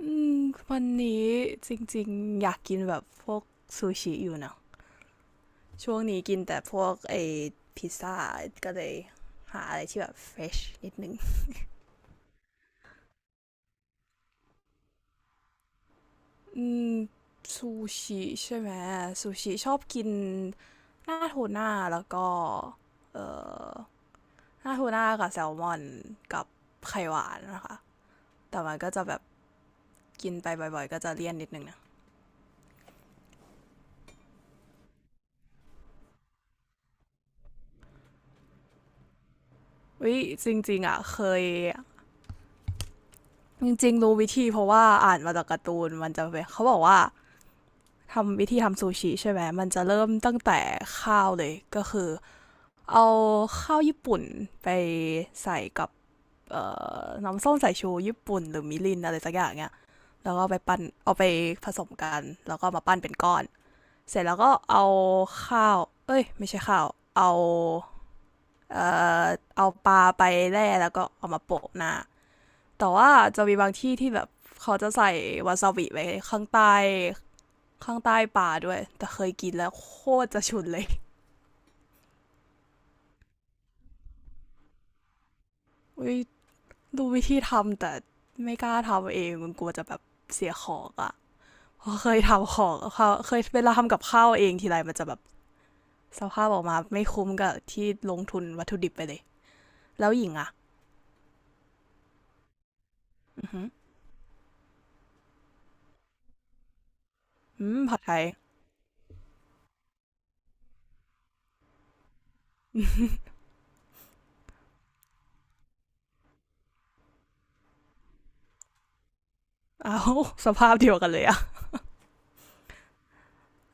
อืมวันนี้จริงๆอยากกินแบบพวกซูชิอยู่นะช่วงนี้กินแต่พวกไอพิซซ่าก็เลยหาอะไรที่แบบเฟรชนิดนึงอืมซูชิใช่ไหมซูชิชอบกินหน้าโทน่าแล้วก็เอ่อหน้าโทน่ากับแซลมอนกับไข่หวานนะคะแต่มันก็จะแบบกินไปบ่อยๆก็จะเลี่ยนนิดนึงนะวิจริงๆอ่ะเคยจริงๆรู้วิธีเพราะว่าอ่านมาจากการ์ตูนมันจะเป็นเขาบอกว่า ทำวิธีทำซูชิใช่ไหมมันจะเริ่มตั้งแต่ข้าวเลยก็คือเอาข้าวญี่ปุ่นไปใส่กับเอ่น้ำส้มสายชูญี่ปุ่นหรือมิรินอะไรสักอย่างเนี้ยแล้วก็ไปปั้นเอาไปผสมกันแล้วก็มาปั้นเป็นก้อน เสร็จแล้วก็เอาข้าวเอ้ยไม่ใช่ข้าว เอา เอ่อเอาปลาไปแล่แล้วก็เอามาโปะหน้าแต่ว่าจะมีบางที่ที่แบบเขาจะใส่วาซาบิไว้ข้างใต้ ข้างใต้ป่าด้วยแต่เคยกินแล้วโคตรจะฉุนเลยอุ้ยดูวิธีทำแต่ไม่กล้าทำเองมันกลัวจะแบบเสียของอะ่ะเคยทำของเเคยเวลาทำกับข้าวเองทีไรมันจะแบบสภาพออกมาไม่คุ้มกับที่ลงทุนวัตถุดิบไปเลยแล้วหญิงอะ่ะอืมผัดไทย เอาสภาพเดียวกันเลยอะ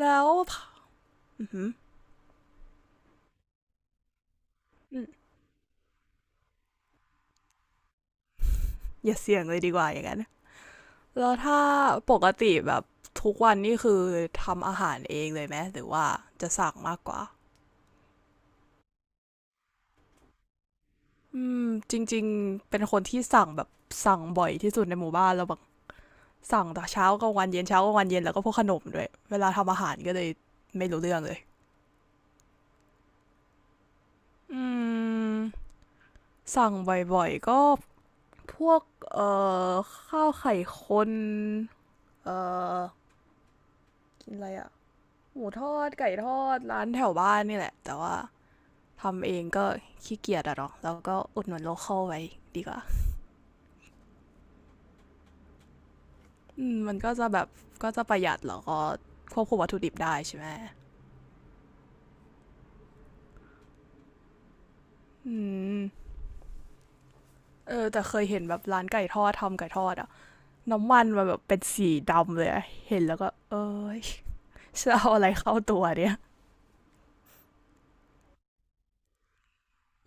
แล้วอือมอย่าเสี่ยงเลยดีกว่าอย่างนั้นแล้วถ้าปกติแบบทุกวันนี่คือทำอาหารเองเลยไหมหรือว่าจะสั่งมากกว่า อืมจริงๆเป็นคนที่สั่งแบบสั่งบ่อยที่สุดในหมู่บ้านเราแบบสั่งแต่เช้ากลางวันเย็นเช้ากลางวันเย็นแล้วก็พวกขนมด้วยเวลาทำอาหารก็เลยไม่รู้เรื่องเลยอืมสั่งบ่อยๆก็พวกเอ่อข้าวไข่คนเอ่อกินอะไรอะหมูทอดไก่ทอดร้านแถวบ้านนี่แหละแต่ว่าทำเองก็ขี้เกียจอะเนาะแล้วก็อุดหนุนโลคอลไว้ดีกว่าอืมมันก็จะแบบก็จะประหยัดแล้วก็ควบคุมวัตถุดิบได้ใช่ไหม อืมเออแต่เคยเห็นแบบร้านไก่ทอดทำไก่ทอดอะน้ำมันมันแบบเป็นสีดำเลยอะเห็นแล้วก็เอ้ยจะเอาอะไรเข้าตัวเนี่ย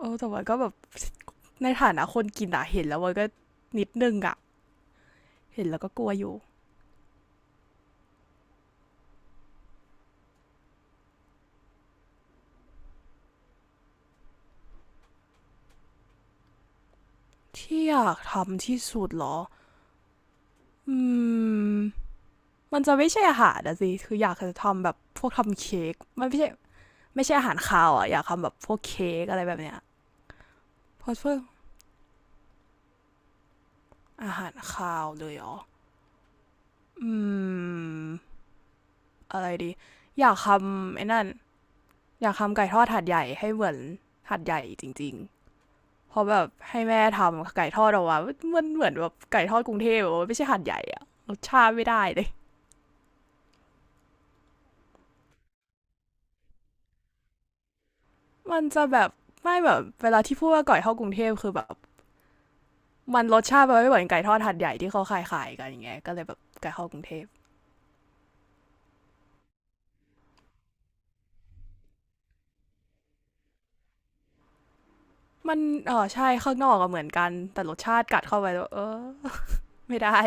เออแต่ว่าก็แบบในฐานะคนกินอะเห็นแล้วมันก็นิดนึงอะเห็นแล้วก็กลัวอยู่ที่อยากทำที่สุดเหรออืมมันจะไม่ใช่อาหารนะสิคืออยากจะทำแบบพวกทำเค้กมันไม่ใช่ไม่ใช่อาหารคาวอะอยากทำแบบพวกเค้กอะไรแบบเนี้ยเพราะเพื่ออาหารคาวเลยเหรออืม อะไรดีอยากทำไอ้นั่นอยากทำไก่ทอดหัดใหญ่ให้เหมือนหัดใหญ่จริงๆเพราะแบบให้แม่ทำไก่ทอดออกมามันเหมือนแบบไก่ทอดกรุงเทพอบมไม่ใช่หัดใหญ่อะรสชาติไม่ได้เลยมันจะแบบไม่แบบเวลาที่พูดว่าไก่ทอดกรุงเทพคือแบบมันรสชาติมันไม่เหมือนไก่ทอดหัดใหญ่ที่เขาขายกันอย่างเงี้ยก็เลยแบบไก่ทอดกรุงเทพมันเออใช่ข้างนอกก็เหมือนกันแต่รสชาติกัดเข้าไปแล้วเออไม่ได้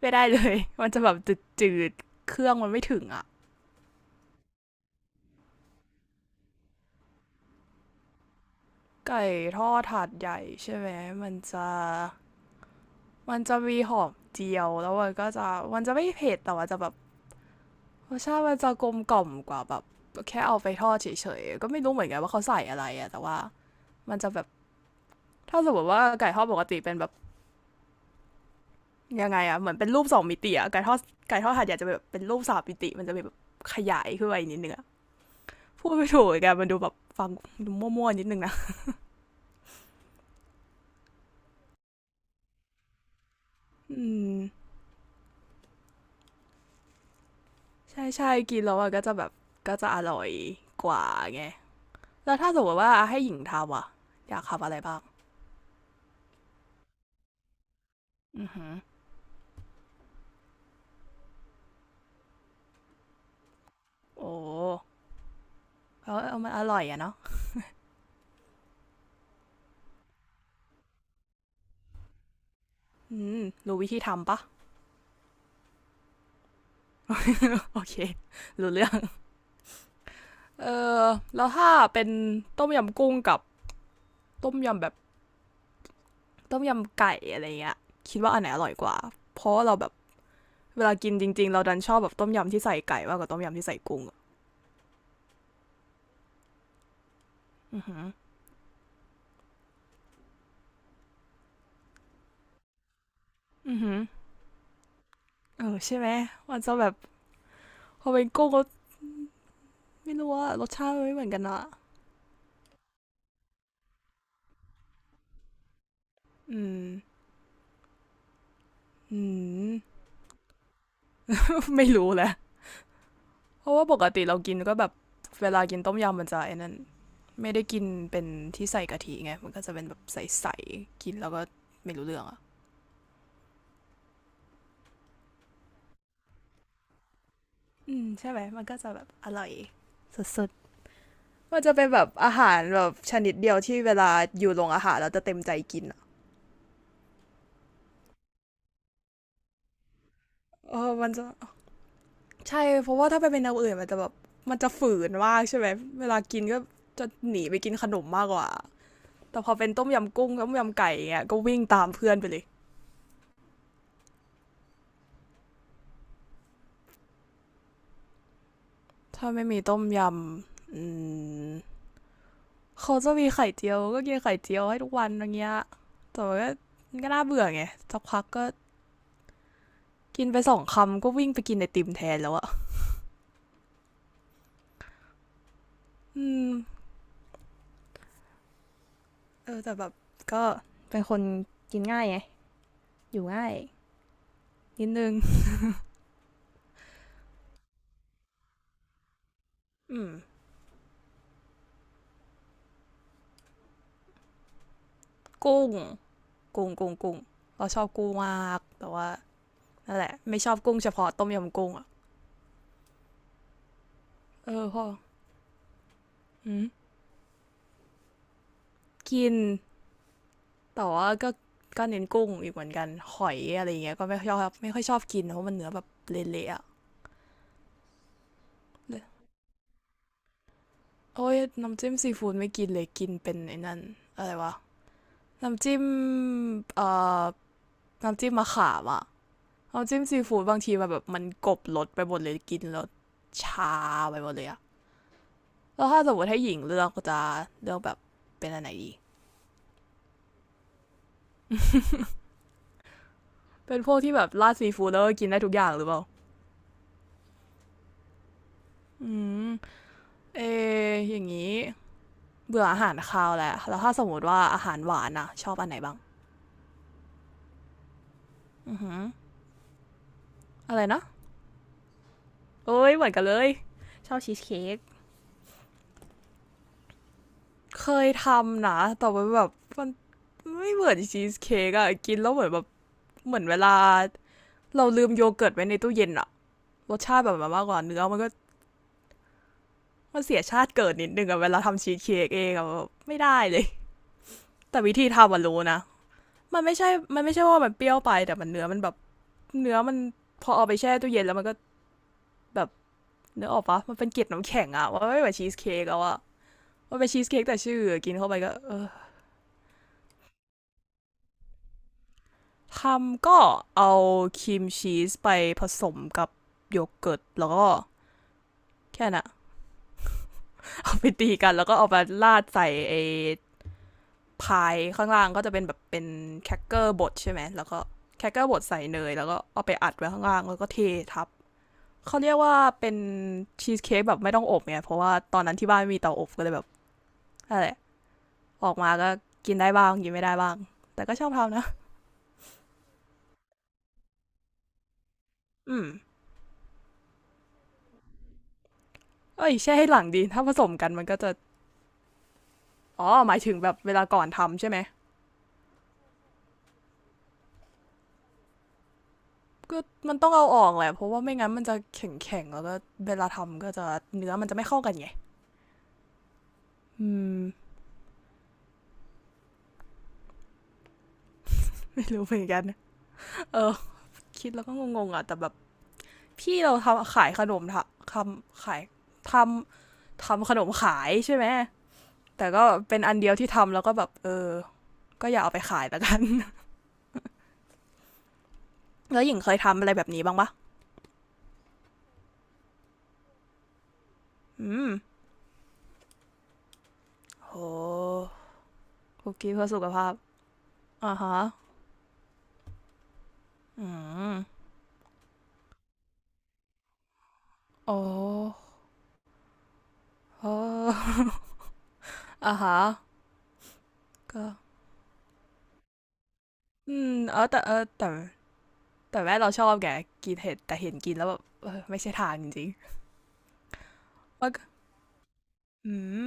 ไม่ได้เลยมันจะแบบจืดๆเครื่องมันไม่ถึงอะ ไก่ทอดถาดใหญ่ใช่ไหมมันจะมีหอมเจียวแล้วมันก็จะมันจะไม่เผ็ดแต่ว่าจะแบบรสชาติมันจะกลมกล่อมกว่าแบบแค่เอาไปทอดเฉยๆก็ไม่รู้เหมือนกันว่าเขาใส่อะไรอะแต่ว่ามันจะแบบถ้าสมมติว่าไก่ทอดปกติเป็นแบบยังไงอะเหมือนเป็นรูปสองมิติอะไก่ทอดถาดใหญ่จะแบบเป็นรูปสามมิติมันจะแบบขยายขึ้นไปนิดนึงอะพูดไม่ถูกเหมกัมันดูแบบฟังดูมั่วๆนิดนึงนะอืมใช่ใช่กินแล้วมันก็จะแบบก็จะอร่อยกว่าไง แล้วถ้าสมมติว่าให้หญิงทำอ่ะอยากทำอะไรบ้างอือหือโอ้เขาเอามันอร่อยอะเนาะอืมรู้วิธีทำปะโอเครู้เรื่องเออแล้วถ้าเป็นต้มยำกุ้งกับต้มยำแบบต้มยำไก่อะไรเงี้ยคิดว่าอันไหนอร่อยกว่าเพราะว่าเราแบบเวลากินจริงๆเราดันชอบแบบต้มยำที่ใส่ไก่มากกว่าต้มยำที่ใส่กุ้งอะอือหือเออใช่ไหมมันจะแบบพอเป็นกุ้งก็ไม่รู้ว่ารสชาติมันไม่เหมือนกันนะอืมอืม ไม่รู้แหละ เพราะว่าปกติเรากินก็แบบเวลากินต้มยำมันจะไอ้นั่นไม่ได้กินเป็นที่ใส่กะทิไงมันก็จะเป็นแบบใสๆกินแล้วก็ไม่รู้เรื่องอ่ะอืมใช่ไหมมันก็จะแบบอร่อยสุดๆมันจะเป็นแบบอาหารแบบชนิดเดียวที่เวลาอยู่โรงอาหารเราจะเต็มใจกินอ่ะเออมันจะใช่เพราะว่าถ้าไปเป็นอย่างอื่นมันจะแบบมันจะฝืนมากใช่ไหมเวลากินก็จะหนีไปกินขนมมากกว่าแต่พอเป็นต้มยำกุ้งต้มยำไก่อยงเงี้ยก็วิ่งตามเพื่อนไปเลยถ้าไม่มีต้มยำอืม เขาจะมีไข่เจียวก็กินไข่เจียวให้ทุกวันอย่างเงี้ยแต่ว่าก็มันก็น่าเบื่อไงสักพักก็กินไปสองคำก็วิ่งไปกินไอติมแทนแล้วอะอืมเออแต่แบบก็เป็นคนกินง่ายไงอยู่ง่ายนิดนึงอืมกุ้งกุ้งเราชอบกุ้งมากแต่ว่านั่นแหละไม่ชอบกุ้งเฉพาะต้มยำกุ้งอะเออพออืมกินแต่ว่าก็เน้นกุ้งอีกเหมือนกันหอยอะไรเงี้ยก็ไม่ชอบไม่ค่อยชอบกินเพราะมันเนื้อแบบเละๆอะ โอ้ยน้ำจิ้มซีฟู้ดไม่กินเลยกินเป็นไอ้นั่นอะไรวะ น้ำจิ้มเอ่อน้ำจิ้มมะขามอะน้ำจิ้มซีฟู้ดบางทีมันแบบมันกลบรสไปหมดเลยกินแล้วชาไปหมดเลยอะ แล้วถ้าสมมติให้หญิงเลือกก็จะเลือกแบบเป็นอะไรดีเป็นพวกที่แบบราดซีฟู้ดแล้วก็กินได้ทุกอย่างหรือเปล่าอืมเอออย่างนี้เบื่ออาหารคาวแหละแล้วถ้าสมมติว่าอาหารหวานอะชอบอันไหนบ้างอือหืออะไรนะโอ้ยเหมือนกันเลยชอบชีสเค้ก เคยทำนะแต่ว่าแบบมันไม่เหมือนชีสเค้กอะกินแล้วเหมือนแบบเหมือนเวลาเราลืมโยเกิร์ตไว้ในตู้เย็นอะรสชาติแบบมันมากกว่าเนื้อมันก็มันเสียชาติเกิดนิดนึงอะเวลาทำชีสเค้กเองอะแไม่ได้เลยแต่วิธีทำมันรู้นะมันไม่ใช่มันไม่ใช่ว่ามันเปรี้ยวไปแต่มันเนื้อมันแบบเนื้อมันพอเอาไปแช่ตู้เย็นแล้วมันก็แบบเนื้อออกปะมันเป็นเกล็ดน้ำแข็งอะว่าไม่เหมือนชีสเค้กแล้วอะมันเป็นชีสเค้กแต่ชื่อกินเข้าไปก็เออ ทำก็เอาครีมชีสไปผสมกับโยเกิร์ตแล้วก็แค่น่ะ เอาไปตีกันแล้วก็เอาไาราดใส่ไอ้พายข้างล่างก็จะเป็นแบบเป็นแครกเกอร์บดใช่ไหมแล้วก็แครกเกอร์บดใส่เนยแล้วก็เอาไปอัดไว้ข้างล่างแล้วก็เททับเขาเรียกว่าเป็นชีสเค้กแบบไม่ต้องอบเนี่ยเพราะว่าตอนนั้นที่บ้านไม่มีเตาอบก็เลยแบบอะไรออกมาก็กินได้บ้างกินไม่ได้บ้างแต่ก็ชอบทำนะ อืมเอ้ยแช่ให้หลังดีถ้าผสมกันมันก็จะอ๋อหมายถึงแบบเวลาก่อนทำใช่ไหม ก็มันต้องเอาออกแหละเพราะว่าไม่งั้นมันจะแข็งๆแล้วก็เวลาทำก็จะเนื้อมันจะไม่เข้ากันไงอืมไม่รู้เหมือนกันเออคิดแล้วก็งงๆอ่ะแต่แบบพี่เราทำขายขนมขายทำทำขนมขายใช่ไหมแต่ก็เป็นอันเดียวที่ทำแล้วก็แบบเออก็อย่าเอาไปขายแล้วกัน แล้วหญิงเคยทำอะไรแบบนี้บ้างปะอืมคุกกี้เพื่อสุขภาพอ่าฮะอืมโอ้โอ่า ฮะก็อืมเออแต่เออแต่ แต่แม่เราชอบแกกินเห็ดแต่เห็นกินแล้วแบบไม่ใช่ทางจริงๆมันกอืม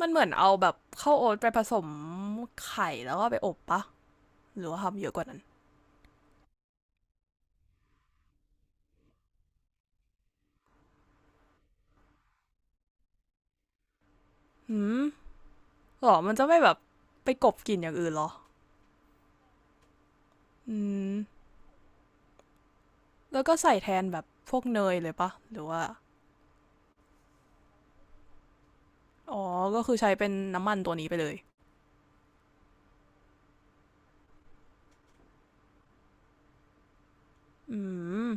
มันเหมือนเอาแบบข้าวโอ๊ตไปผสมไข่แล้วก็ไปอบปะหรือว่าทำเยอะกว่านั้นอืมหรอมันจะไม่แบบไปกบกลิ่นอย่างอื่นหรออืมแล้วก็ใส่แทนแบบพวกเนยเลยปะหรือว่าอ๋อก็คือใช้เป็นน้ำมันตัวนี้ไปเลยอืม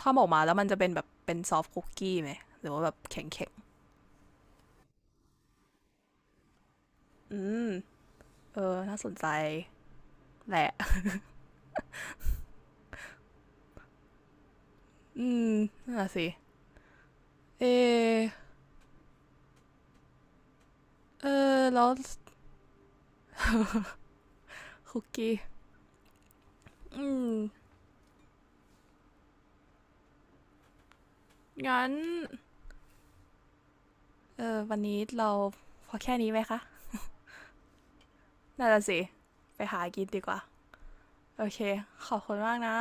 ถ้าออกมาแล้วมันจะเป็นแบบเป็นซอฟต์คุกกี้ไหมหรือว่าแบบแข็งๆอืมเออน่าสนใจแหละอืมน่าสิ เออเออแล้วคุกกี้ อืม งั้น เออวันนี้เราพอแค่นี้ไหมคะ น่าจะสิ ไปหากินดีกว่า โอเค ขอบคุณมากนะ